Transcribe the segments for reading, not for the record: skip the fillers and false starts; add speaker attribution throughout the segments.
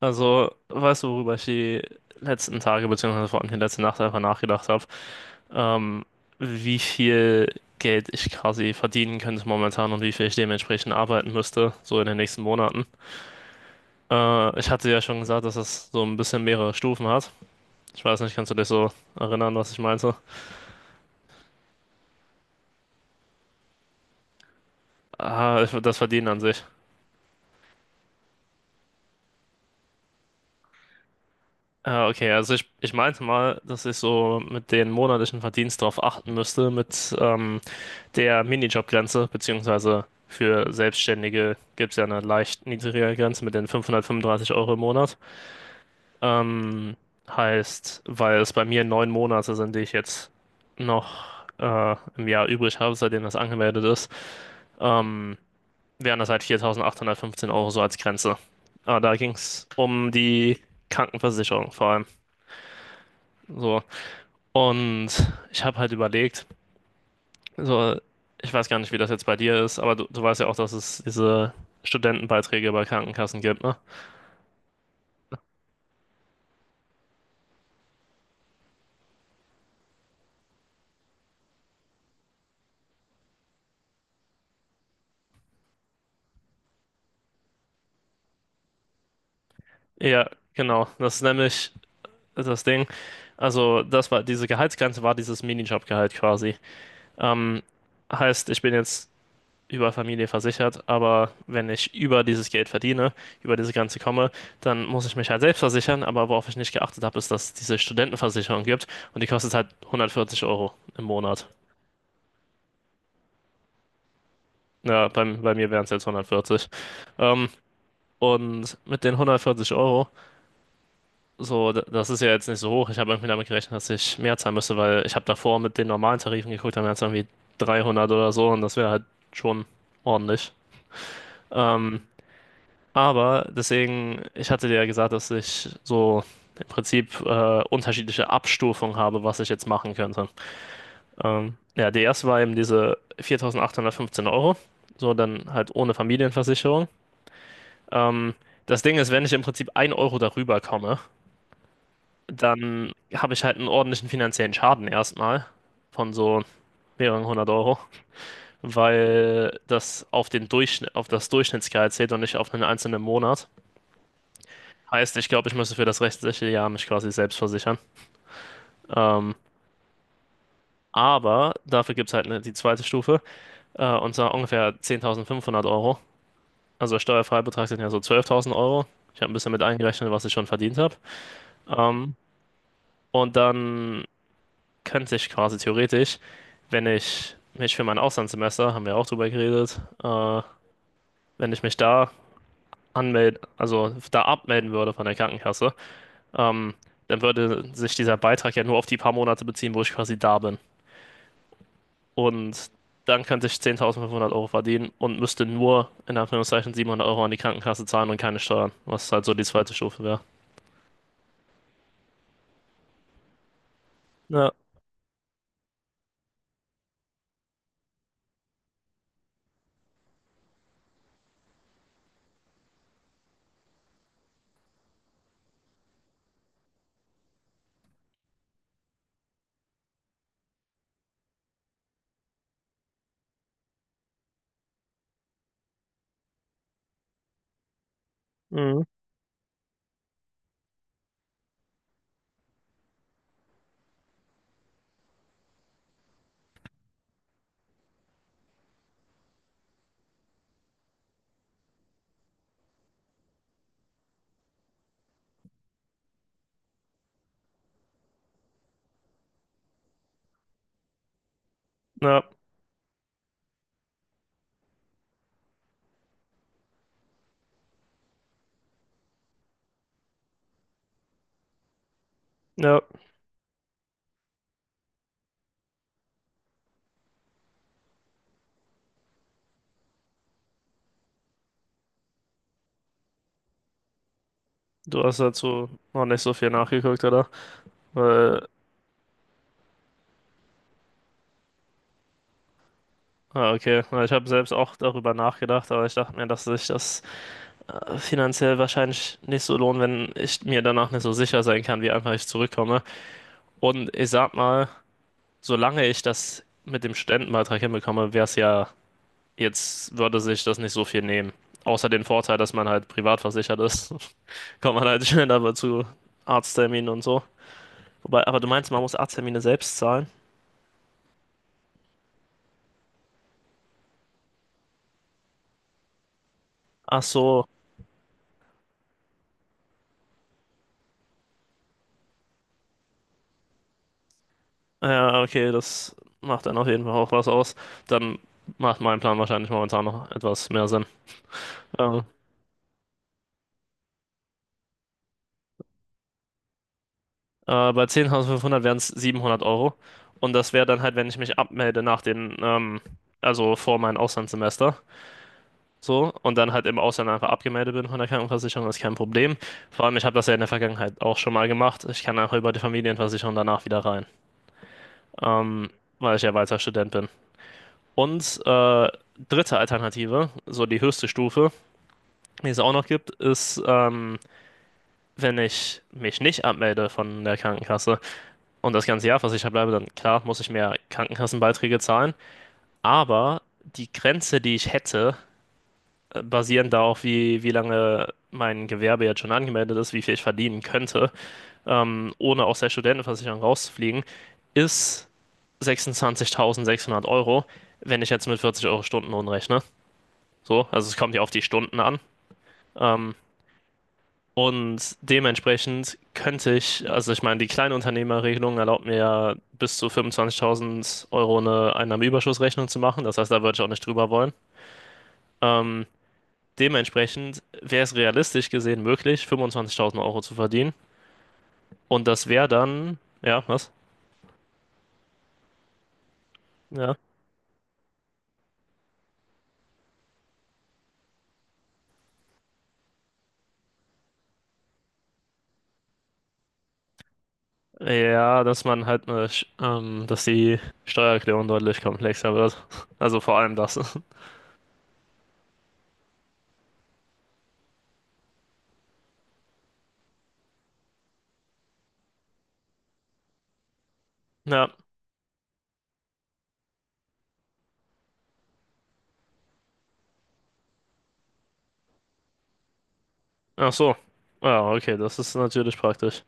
Speaker 1: Also, weißt du, worüber ich die letzten Tage, beziehungsweise vor allem die letzte Nacht einfach nachgedacht habe? Ähm, Wie viel Geld ich quasi verdienen könnte momentan und wie viel ich dementsprechend arbeiten müsste, so in den nächsten Monaten. Ich hatte ja schon gesagt, dass das so ein bisschen mehrere Stufen hat. Ich weiß nicht, kannst du dich so erinnern, was ich meinte? Das Verdienen an sich. Okay, also ich meinte mal, dass ich so mit den monatlichen Verdienst darauf achten müsste, mit der Minijobgrenze, beziehungsweise für Selbstständige gibt es ja eine leicht niedrigere Grenze mit den 535 Euro im Monat. Ähm, Heißt, weil es bei mir 9 Monate sind, die ich jetzt noch im Jahr übrig habe, seitdem das angemeldet ist, ähm, wären das halt 4.815 Euro so als Grenze. Aber da ging es um die Krankenversicherung vor allem. So. Und ich habe halt überlegt, so, ich weiß gar nicht, wie das jetzt bei dir ist, aber du weißt ja auch, dass es diese Studentenbeiträge bei Krankenkassen gibt, ne? Ja, genau. Das ist nämlich das Ding. Also, das war diese Gehaltsgrenze war dieses Minijobgehalt quasi. Ähm, Heißt, ich bin jetzt über Familie versichert, aber wenn ich über dieses Geld verdiene, über diese Grenze komme, dann muss ich mich halt selbst versichern. Aber worauf ich nicht geachtet habe, ist, dass es diese Studentenversicherung gibt und die kostet halt 140 Euro im Monat. Ja, bei mir wären es jetzt 140. Ähm, und mit den 140 Euro, so, das ist ja jetzt nicht so hoch. Ich habe irgendwie damit gerechnet, dass ich mehr zahlen müsste, weil ich habe davor mit den normalen Tarifen geguckt, dann wären es irgendwie 300 oder so und das wäre halt schon ordentlich. Ähm, aber deswegen, ich hatte dir ja gesagt, dass ich so im Prinzip unterschiedliche Abstufungen habe, was ich jetzt machen könnte. Ja, die erste war eben diese 4.815 Euro, so dann halt ohne Familienversicherung. Ähm, Das Ding ist, wenn ich im Prinzip ein Euro darüber komme, dann habe ich halt einen ordentlichen finanziellen Schaden erstmal von so mehreren hundert Euro, weil das auf den Durchschnitt, auf das Durchschnittsgehalt zählt und nicht auf einen einzelnen Monat. Heißt, ich glaube, ich müsste für das restliche Jahr mich quasi selbst versichern. Ähm, aber dafür gibt es halt die zweite Stufe, und zwar ungefähr 10.500 Euro. Also Steuerfreibetrag sind ja so 12.000 Euro. Ich habe ein bisschen mit eingerechnet, was ich schon verdient habe. Ähm, und dann könnte ich quasi theoretisch, wenn ich mich für mein Auslandssemester, haben wir auch drüber geredet, wenn ich mich da anmelden, also da abmelden würde von der Krankenkasse, ähm, dann würde sich dieser Beitrag ja nur auf die paar Monate beziehen, wo ich quasi da bin. Und dann könnte ich 10.500 Euro verdienen und müsste nur in Anführungszeichen 700 Euro an die Krankenkasse zahlen und keine Steuern, was halt so die zweite Stufe wäre. Ja, mhm. Ja, ja, du hast dazu noch nicht so viel nachgeguckt, oder? Weil okay. Na, ich habe selbst auch darüber nachgedacht, aber ich dachte mir, dass sich das finanziell wahrscheinlich nicht so lohnt, wenn ich mir danach nicht so sicher sein kann, wie einfach ich zurückkomme. Und ich sag mal, solange ich das mit dem Studentenbeitrag hinbekomme, wäre es ja, jetzt würde sich das nicht so viel nehmen. Außer den Vorteil, dass man halt privat versichert ist, kommt man halt schneller aber zu Arztterminen und so. Wobei, aber du meinst, man muss Arzttermine selbst zahlen? Ach so. Ja, okay, das macht dann auf jeden Fall auch was aus. Dann macht mein Plan wahrscheinlich momentan noch etwas mehr Sinn. Ähm, Bei 10.500 wären es 700 Euro. Und das wäre dann halt, wenn ich mich abmelde nach den, also vor meinem Auslandssemester. So, und dann halt im Ausland einfach abgemeldet bin von der Krankenversicherung, ist kein Problem. Vor allem, ich habe das ja in der Vergangenheit auch schon mal gemacht. Ich kann einfach über die Familienversicherung danach wieder rein, ähm, weil ich ja weiter Student bin. Und dritte Alternative, so die höchste Stufe, die es auch noch gibt, ist, wenn ich mich nicht abmelde von der Krankenkasse und das ganze Jahr versichert bleibe, dann klar muss ich mehr Krankenkassenbeiträge zahlen. Aber die Grenze, die ich hätte, basierend darauf, wie lange mein Gewerbe jetzt schon angemeldet ist, wie viel ich verdienen könnte, ohne aus der Studentenversicherung rauszufliegen, ist 26.600 Euro, wenn ich jetzt mit 40 Euro Stundenlohn rechne. So, also es kommt ja auf die Stunden an. Ähm, Und dementsprechend könnte ich, also ich meine, die Kleinunternehmerregelung erlaubt mir ja bis zu 25.000 Euro eine Einnahmenüberschussrechnung zu machen. Das heißt, da würde ich auch nicht drüber wollen. Ähm, Dementsprechend wäre es realistisch gesehen möglich, 25.000 Euro zu verdienen. Und das wäre dann, ja, was? Ja. Ja, dass man halt dass die Steuererklärung deutlich komplexer wird. Also vor allem das. Ja, ach so. Ja, okay, das ist natürlich praktisch.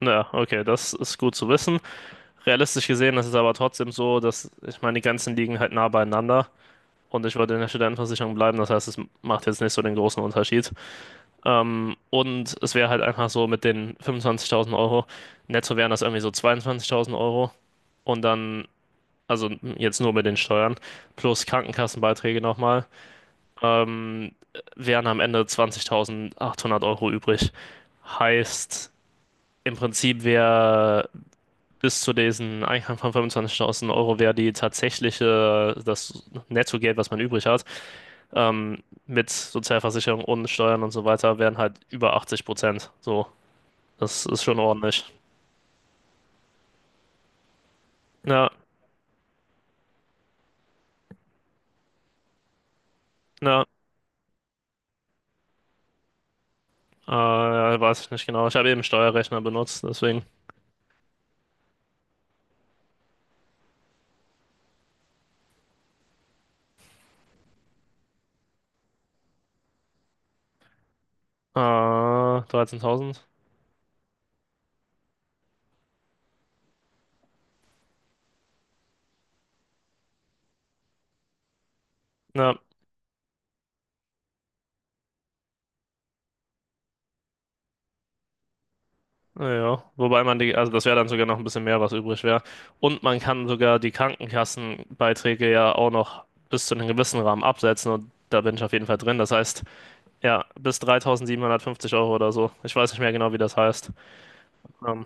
Speaker 1: Ja, okay, das ist gut zu wissen. Realistisch gesehen ist es aber trotzdem so, dass ich meine, die Grenzen liegen halt nah beieinander und ich würde in der Studentenversicherung bleiben. Das heißt, es macht jetzt nicht so den großen Unterschied. Und es wäre halt einfach so mit den 25.000 Euro, netto wären das irgendwie so 22.000 Euro und dann, also jetzt nur mit den Steuern plus Krankenkassenbeiträge nochmal, ähm, wären am Ende 20.800 Euro übrig. Heißt, im Prinzip wäre bis zu diesen Einkommen von 25.000 Euro wäre die tatsächliche, das Nettogeld, was man übrig hat, mit Sozialversicherung und Steuern und so weiter, wären halt über 80%. So, das ist schon ordentlich. Ja, ja, äh, weiß ich nicht genau. Ich habe eben Steuerrechner benutzt, deswegen 13.000. Ja, naja, wobei man also das wäre dann sogar noch ein bisschen mehr, was übrig wäre. Und man kann sogar die Krankenkassenbeiträge ja auch noch bis zu einem gewissen Rahmen absetzen und da bin ich auf jeden Fall drin. Das heißt, ja, bis 3.750 Euro oder so. Ich weiß nicht mehr genau, wie das heißt. Ähm,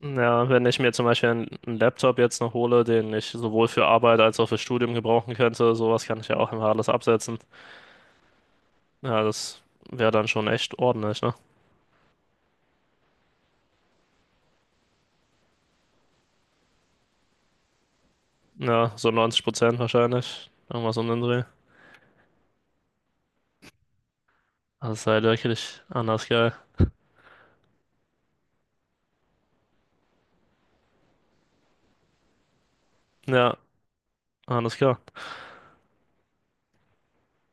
Speaker 1: ja, wenn ich mir zum Beispiel einen Laptop jetzt noch hole, den ich sowohl für Arbeit als auch für Studium gebrauchen könnte, sowas kann ich ja auch immer alles absetzen. Ja, das wäre dann schon echt ordentlich, ne? Ja, so 90% wahrscheinlich. Irgendwas um den Dreh. Das ist halt wirklich anders geil. Ja, alles klar.